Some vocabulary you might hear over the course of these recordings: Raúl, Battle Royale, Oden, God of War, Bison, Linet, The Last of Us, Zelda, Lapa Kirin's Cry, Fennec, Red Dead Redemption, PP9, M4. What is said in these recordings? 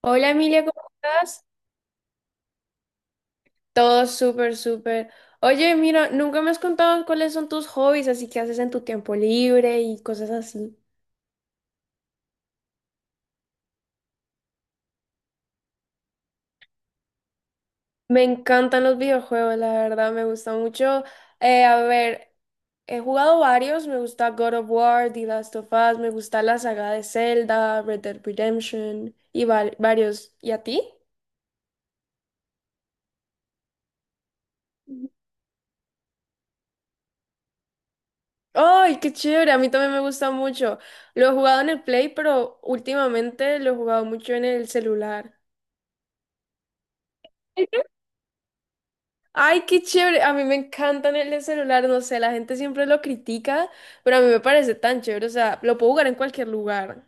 Hola, Emilia, ¿cómo estás? Todo súper, súper. Oye, mira, nunca me has contado cuáles son tus hobbies, así que haces en tu tiempo libre y cosas así. Me encantan los videojuegos, la verdad, me gusta mucho. A ver, he jugado varios, me gusta God of War, The Last of Us, me gusta la saga de Zelda, Red Dead Redemption y varios. ¿Y a ti? ¡Ay, qué chévere! A mí también me gusta mucho. Lo he jugado en el Play, pero últimamente lo he jugado mucho en el celular. Ay, qué chévere. A mí me encantan el celular, no sé, la gente siempre lo critica, pero a mí me parece tan chévere, o sea, lo puedo jugar en cualquier lugar.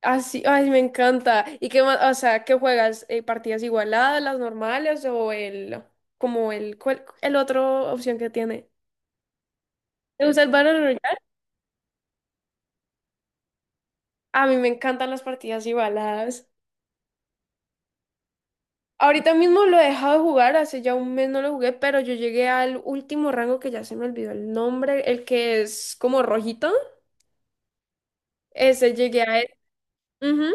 Así, ay, me encanta. ¿Y qué más? O sea, ¿qué juegas? ¿Partidas igualadas, las normales o el, como el, cuál- el otro opción que tiene? ¿Te gusta el Battle Royale? A mí me encantan las partidas igualadas. Ahorita mismo lo he dejado de jugar, hace ya un mes no lo jugué, pero yo llegué al último rango que ya se me olvidó el nombre, el que es como rojito. Ese llegué a. Ujú.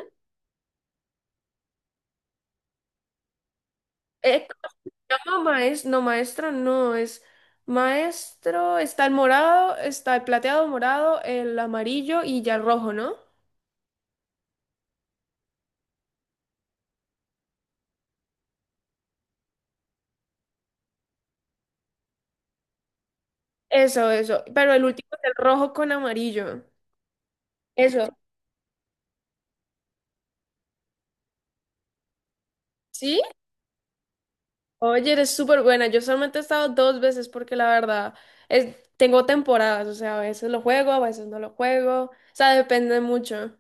Eh, no, maestro, no, es maestro, está el morado, está el plateado morado, el amarillo y ya el rojo, ¿no? Eso, pero el último es el rojo con amarillo. Eso, ¿sí? Oye, eres súper buena, yo solamente he estado dos veces porque la verdad, es, tengo temporadas, o sea, a veces lo juego, a veces no lo juego, o sea, depende mucho.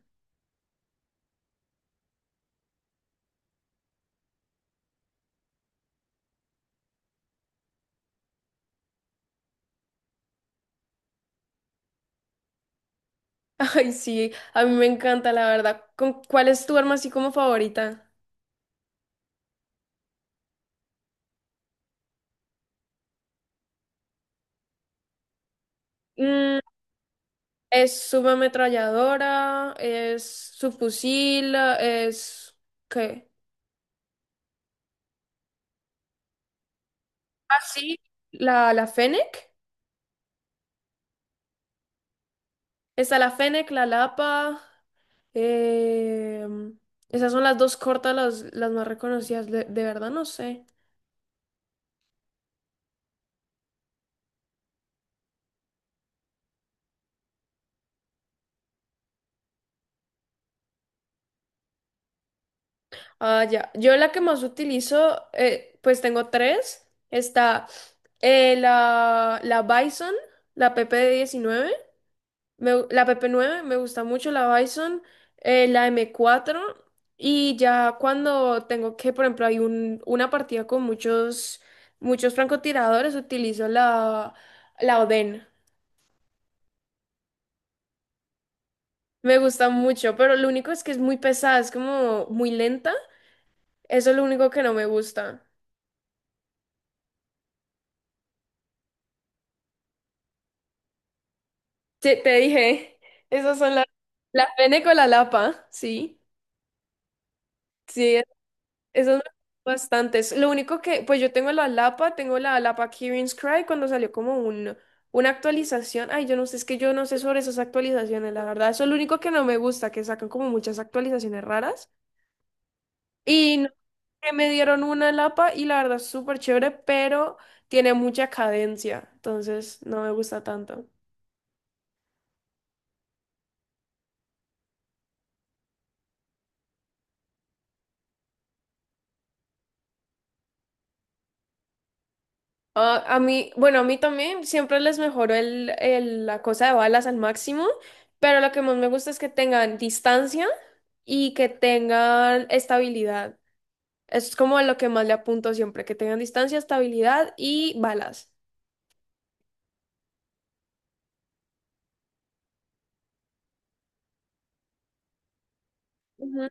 Ay, sí, a mí me encanta, la verdad. ¿Con, cuál es tu arma así como favorita? Es subametralladora, es subfusil, es, ¿qué? Ah, sí, la Fennec. Está la Fennec, la Lapa. em, Esas son las dos cortas, las más reconocidas. De verdad no sé. Ah, ya. Yo la que más utilizo, pues tengo tres. Está la Bison, la PP19. La PP9 me gusta mucho, la Bison, la M4 y ya cuando tengo que, por ejemplo, hay un, una partida con muchos, muchos francotiradores, utilizo la Oden. Me gusta mucho, pero lo único es que es muy pesada, es como muy lenta. Eso es lo único que no me gusta. Te dije, esas son las Fene con la Lapa, sí. Sí, esas me gustan bastantes. Lo único que, pues yo tengo la Lapa Kirin's Cry cuando salió como un, una actualización. Ay, yo no sé, es que yo no sé sobre esas actualizaciones, la verdad. Eso es lo único que no me gusta, que sacan como muchas actualizaciones raras. Y no, que me dieron una Lapa y la verdad es súper chévere, pero tiene mucha cadencia. Entonces no me gusta tanto. A mí, bueno, a mí también siempre les mejoro la cosa de balas al máximo, pero lo que más me gusta es que tengan distancia y que tengan estabilidad. Eso es como lo que más le apunto siempre, que tengan distancia, estabilidad y balas. Ujú.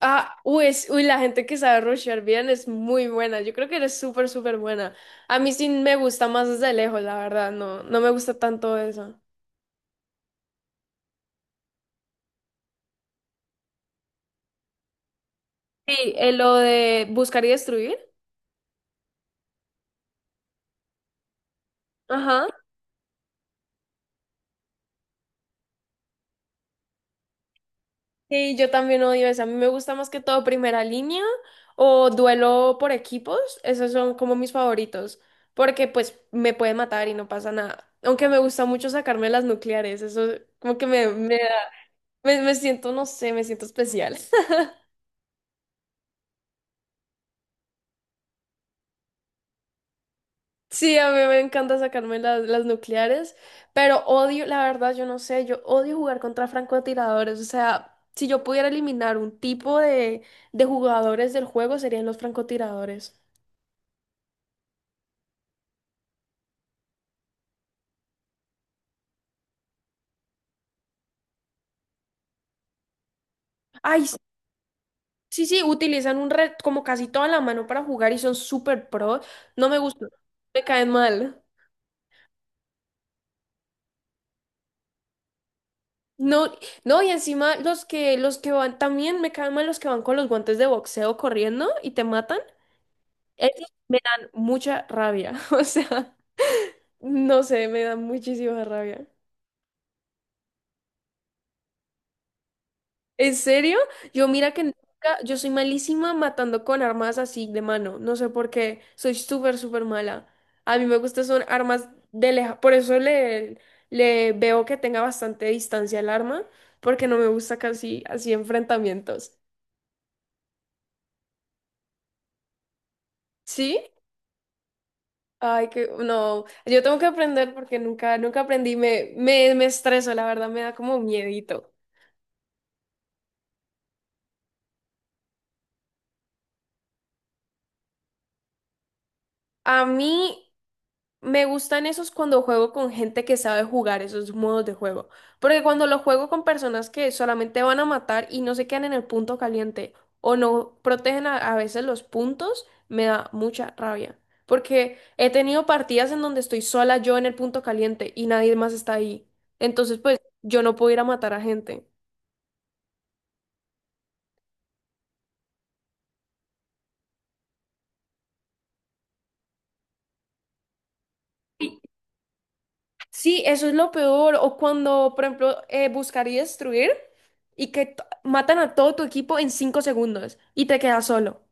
Ah, uy, la gente que sabe rushear bien es muy buena. Yo creo que eres súper, súper buena. A mí sí me gusta más desde lejos, la verdad. No, no me gusta tanto eso. Sí, lo de buscar y destruir. Ajá. Sí, yo también odio eso. A mí me gusta más que todo primera línea o duelo por equipos. Esos son como mis favoritos, porque pues me pueden matar y no pasa nada. Aunque me gusta mucho sacarme las nucleares, eso como que me da, me siento, no sé, me siento especial. Sí, a mí me encanta sacarme las nucleares, pero odio, la verdad, yo no sé, yo odio jugar contra francotiradores. O sea, si yo pudiera eliminar un tipo de jugadores del juego, serían los francotiradores. Ay, sí, sí, utilizan un red como casi toda la mano para jugar y son súper pro. No me gustan, me caen mal. No, no, y encima los que van, también me caen mal los que van con los guantes de boxeo corriendo y te matan. Esos me dan mucha rabia. O sea, no sé, me dan muchísima rabia. ¿En serio? Yo mira que nunca, yo soy malísima matando con armas así de mano. No sé por qué. Soy súper, súper mala. A mí me gustan son armas de leja. Por eso le veo que tenga bastante distancia el arma, porque no me gusta casi así enfrentamientos. ¿Sí? Ay, que no. Yo tengo que aprender porque nunca, nunca aprendí. Me estreso, la verdad, me da como miedito. A mí me gustan esos cuando juego con gente que sabe jugar esos modos de juego. Porque cuando lo juego con personas que solamente van a matar y no se quedan en el punto caliente o no protegen a veces los puntos, me da mucha rabia. Porque he tenido partidas en donde estoy sola yo en el punto caliente y nadie más está ahí. Entonces, pues yo no puedo ir a matar a gente. Sí, eso es lo peor. O cuando, por ejemplo, buscar y destruir y que matan a todo tu equipo en 5 segundos y te quedas solo.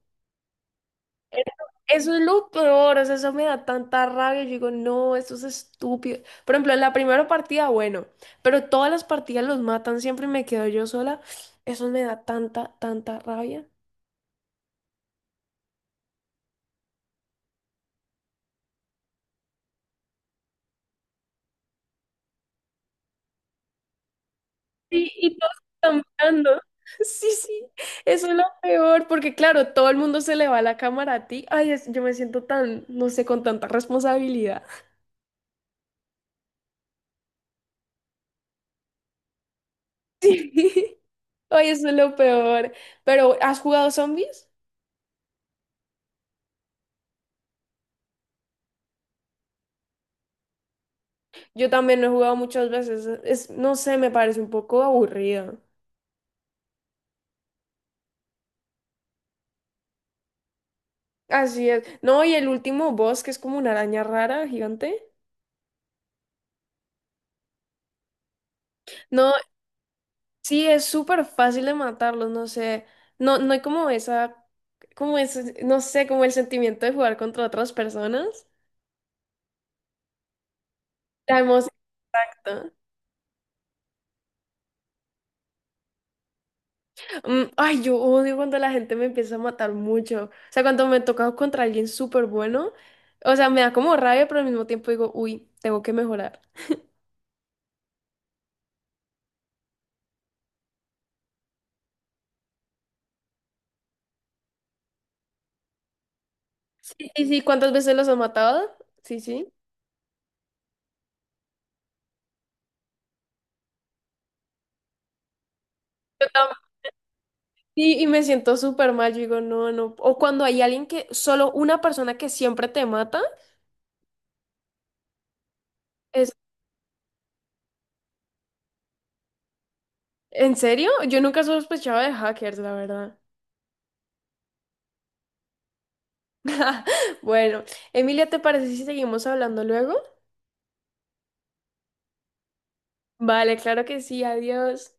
Eso es lo peor, o sea, eso me da tanta rabia. Yo digo, no, esto es estúpido. Por ejemplo, en la primera partida, bueno, pero todas las partidas los matan siempre y me quedo yo sola. Eso me da tanta, tanta rabia. Sí, y todos están mirando. Sí, sí, eso es lo peor, porque claro, todo el mundo se le va la cámara a ti. Ay, yo me siento tan, no sé, con tanta responsabilidad. Sí. Ay, eso es lo peor. Pero, ¿has jugado zombies? Yo también lo he jugado muchas veces. Es, no sé, me parece un poco aburrida. Así es. No, y el último boss, que es como una araña rara, gigante. No, sí, es súper fácil de matarlos, no sé. No, no hay como esa, como ese, no sé, como el sentimiento de jugar contra otras personas. La emoción. ¿No? Mm, ay, yo odio cuando la gente me empieza a matar mucho. O sea, cuando me toca contra alguien súper bueno, o sea, me da como rabia, pero al mismo tiempo digo, uy, tengo que mejorar. Sí, sí, ¿cuántas veces los ha matado? Sí, sí. Yo tam- Sí, y me siento súper mal, yo digo, no, no. O cuando hay alguien que, solo una persona que siempre te mata, es, ¿en serio? Yo nunca sospechaba de hackers, la verdad. Bueno, Emilia, ¿te parece si seguimos hablando luego? Vale, claro que sí, adiós.